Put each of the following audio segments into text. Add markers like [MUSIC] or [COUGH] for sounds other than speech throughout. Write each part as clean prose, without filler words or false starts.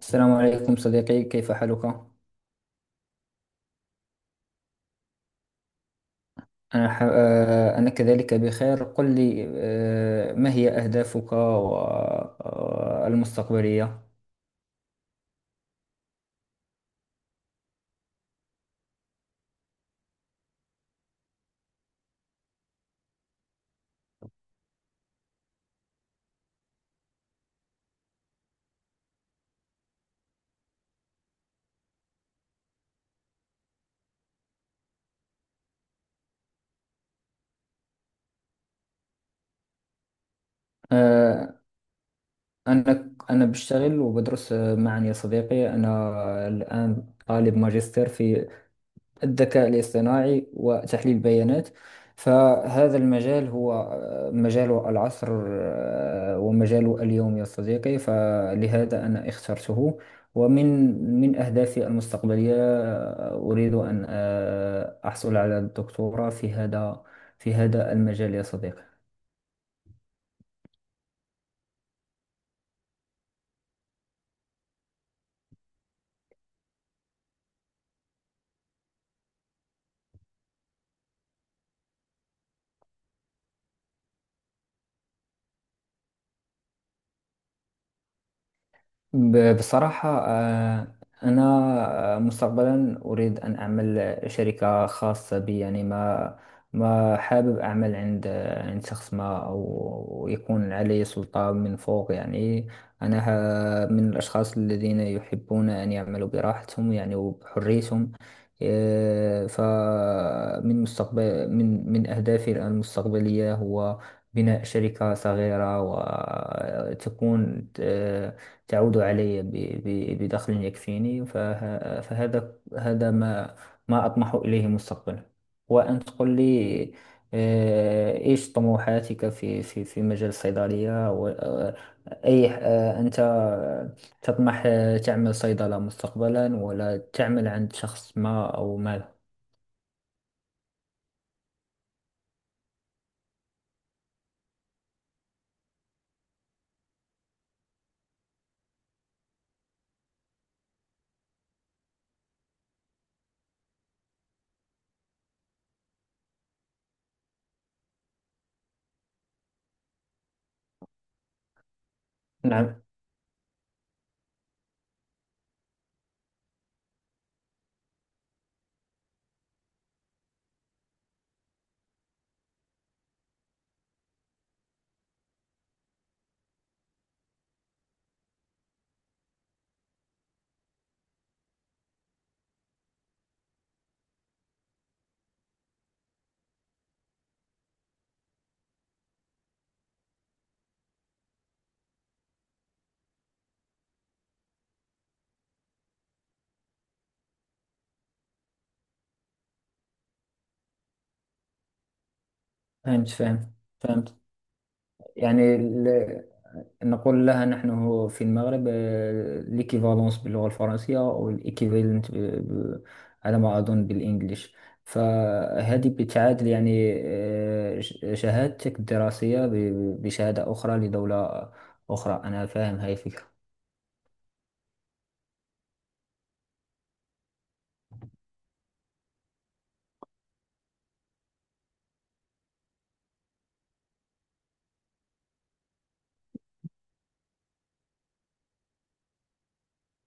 السلام عليكم صديقي، كيف حالك؟ أنا ح... آه، أنا كذلك بخير. قل لي، ما هي أهدافك المستقبلية؟ آه، أنا بشتغل وبدرس معا يا صديقي. أنا الآن طالب ماجستير في الذكاء الاصطناعي وتحليل البيانات. فهذا المجال هو مجال العصر، ومجال اليوم يا صديقي، فلهذا أنا اخترته. ومن أهدافي المستقبلية، أريد أن أحصل على الدكتوراه في هذا المجال يا صديقي. بصراحة، أنا مستقبلا أريد أن أعمل شركة خاصة بي، يعني ما حابب أعمل عند شخص ما، أو يكون علي سلطة من فوق يعني. أنا من الأشخاص الذين يحبون أن يعملوا براحتهم يعني، وبحريتهم. فمن مستقبل من أهدافي المستقبلية هو بناء شركة صغيرة، وتكون تعود علي بدخل يكفيني. فهذا ما أطمح إليه مستقبلا. وأن تقول لي، إيش طموحاتك في مجال الصيدلية، أي، أنت تطمح تعمل صيدلة مستقبلا، ولا تعمل عند شخص ما أو ما. نعم. فهمت فهمت فهمت. يعني، نقول لها نحن هو في المغرب ليكيفالونس باللغة الفرنسية، أو الإيكيفالنت على ما أظن بالإنجليش. فهذه بتعادل يعني شهادتك الدراسية بشهادة أخرى لدولة أخرى. أنا فاهم هاي الفكرة.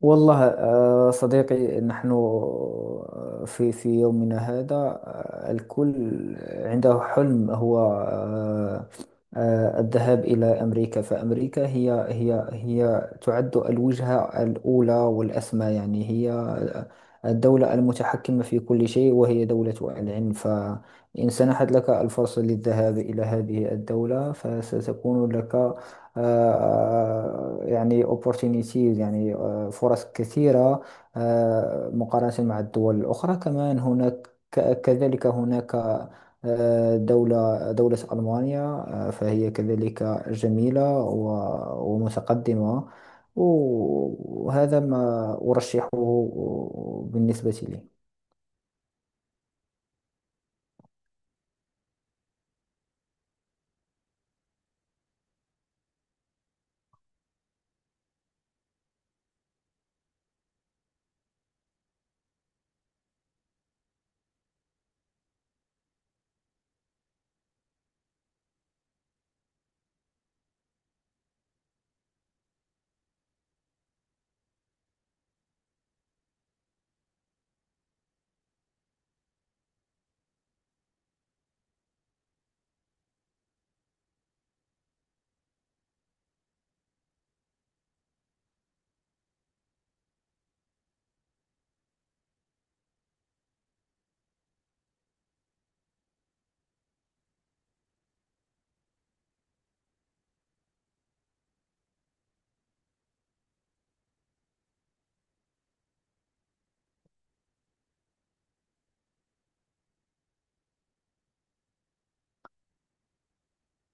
والله صديقي، نحن آه، في في يومنا هذا، الكل عنده حلم، هو الذهاب إلى أمريكا. فأمريكا هي تعد الوجهة الأولى والأسمى، يعني هي الدولة المتحكمة في كل شيء، وهي دولة العلم. فإن سنحت لك الفرصة للذهاب إلى هذه الدولة، فستكون لك يعني opportunities، يعني فرص كثيرة مقارنة مع الدول الأخرى. كمان هناك، كذلك هناك دولة ألمانيا، فهي كذلك جميلة ومتقدمة، وهذا ما أرشحه بالنسبة لي.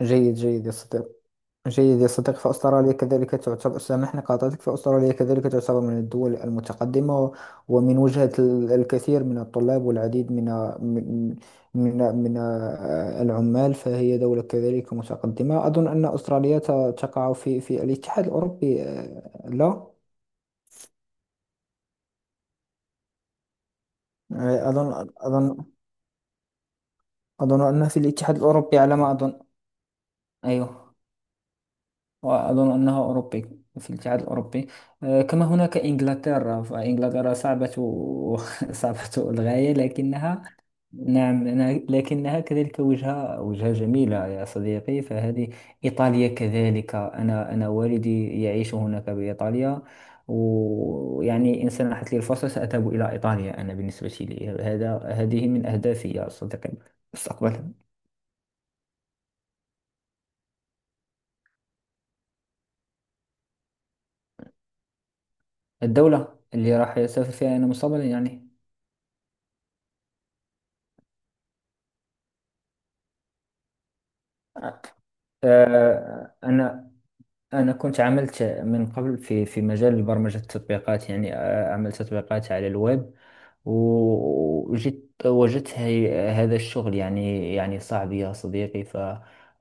جيد جيد يا صديقي. جيد يا صديقي، فأستراليا كذلك تعتبر، سامحني قاطعتك، فأستراليا كذلك تعتبر من الدول المتقدمة، ومن وجهة الكثير من الطلاب، والعديد من من من من العمال، فهي دولة كذلك متقدمة. أظن أن أستراليا تقع في في الاتحاد الأوروبي، لا، آه، أظن أظن أظن أنها في الاتحاد الأوروبي على ما أظن. أيوه، وأظن أنه أوروبي في الاتحاد الأوروبي. كما هناك إنجلترا، فإنجلترا صعبة [LAUGHS] صعبة للغاية، لكنها، نعم، لكنها كذلك وجهة جميلة يا صديقي. فهذه إيطاليا كذلك، أنا والدي يعيش هناك بإيطاليا، ويعني إن سنحت لي الفرصة سأذهب إلى إيطاليا. أنا بالنسبة لي، هذا هذه من أهدافي يا صديقي مستقبلا. الدولة اللي راح أسافر فيها أنا مستقبلا يعني. آه، أنا أنا كنت عملت من قبل في في مجال برمجة التطبيقات، يعني عملت تطبيقات على الويب، وجيت وجدت هذا الشغل، يعني صعب يا صديقي،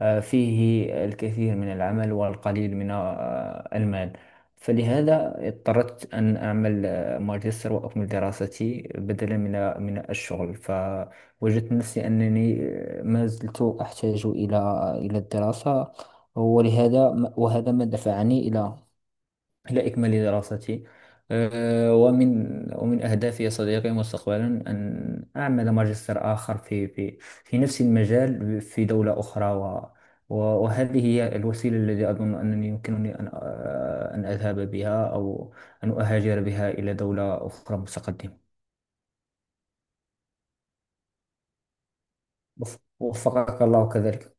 ففيه الكثير من العمل والقليل من المال. فلهذا اضطررت أن أعمل ماجستير وأكمل دراستي بدلا من من الشغل. فوجدت نفسي أنني ما زلت أحتاج إلى إلى الدراسة. ولهذا وهذا ما دفعني إلى إلى إكمال دراستي. أه، ومن ومن أهدافي يا صديقي مستقبلا أن أعمل ماجستير آخر في نفس المجال في دولة أخرى، و- وهذه هي الوسيلة التي أظن أنني يمكنني أن أذهب بها، أو أن أهاجر بها إلى دولة أخرى متقدمة. وفقك الله كذلك.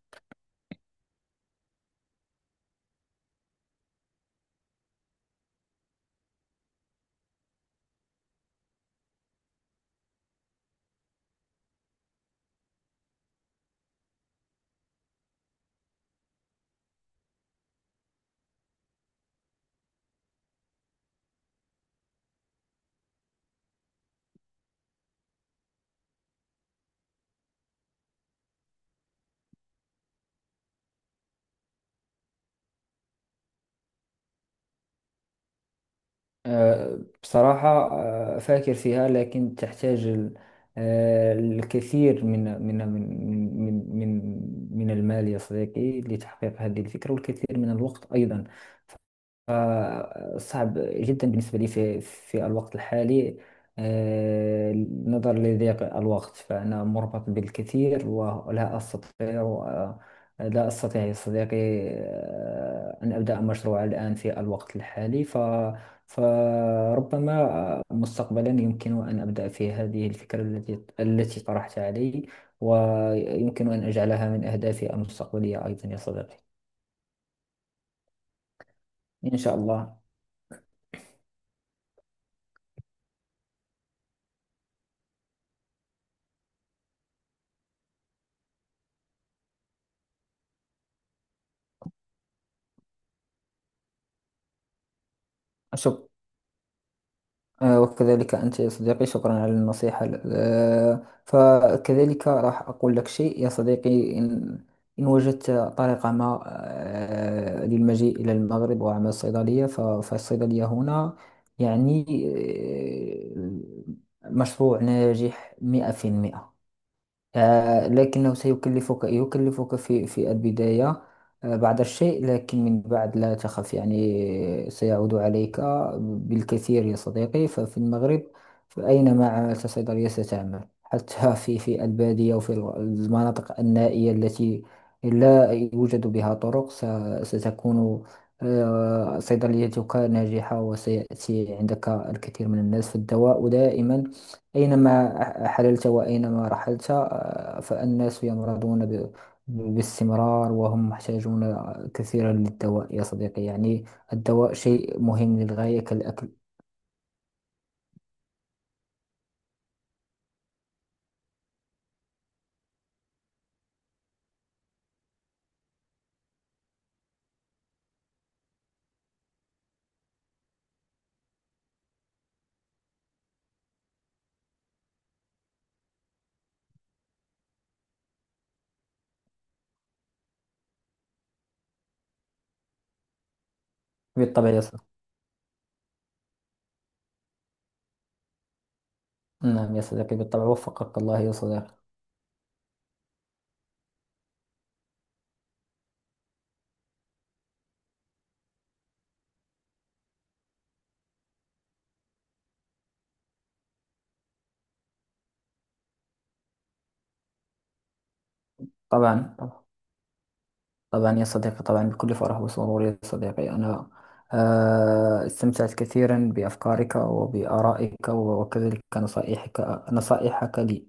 بصراحة، أفكر فيها، لكن تحتاج الكثير من من من من من من المال يا صديقي لتحقيق هذه الفكرة، والكثير من الوقت أيضا. صعب جدا بالنسبة لي في في الوقت الحالي. آه، نظرا لضيق الوقت فأنا مربط بالكثير، ولا أستطيع، لا أستطيع يا صديقي، أن أبدأ مشروع الآن في الوقت الحالي. فربما مستقبلا يمكن أن أبدأ في هذه الفكرة التي طرحتها علي، ويمكن أن أجعلها من أهدافي المستقبلية أيضا يا صديقي. إن شاء الله. شكرا. وكذلك أنت يا صديقي، شكرا على النصيحة. فكذلك راح أقول لك شيء يا صديقي، إن إن وجدت طريقة ما للمجيء إلى المغرب وعمل الصيدلية، فالصيدلية هنا يعني مشروع ناجح 100%. لكنه سيكلفك يكلفك في في البداية بعض الشيء، لكن من بعد لا تخف، يعني سيعود عليك بالكثير يا صديقي. ففي المغرب، فأينما عملت صيدلية ستعمل، حتى [LAUGHS] في في البادية وفي المناطق النائية التي لا يوجد بها طرق. ستكون صيدليتك ناجحة، وسيأتي عندك الكثير من الناس، فالدواء دائما أينما حللت وأينما رحلت. فالناس يمرضون باستمرار، وهم محتاجون كثيرا للدواء يا صديقي، يعني الدواء شيء مهم للغاية كالأكل. بالطبع يا صديقي. نعم يا صديقي بالطبع، وفقك الله يا صديقي. طبعا، طبعا يا صديقي، طبعا بكل فرح وسرور يا صديقي. أنا استمتعت كثيرا بأفكارك وبآرائك، وكذلك نصائحك لي.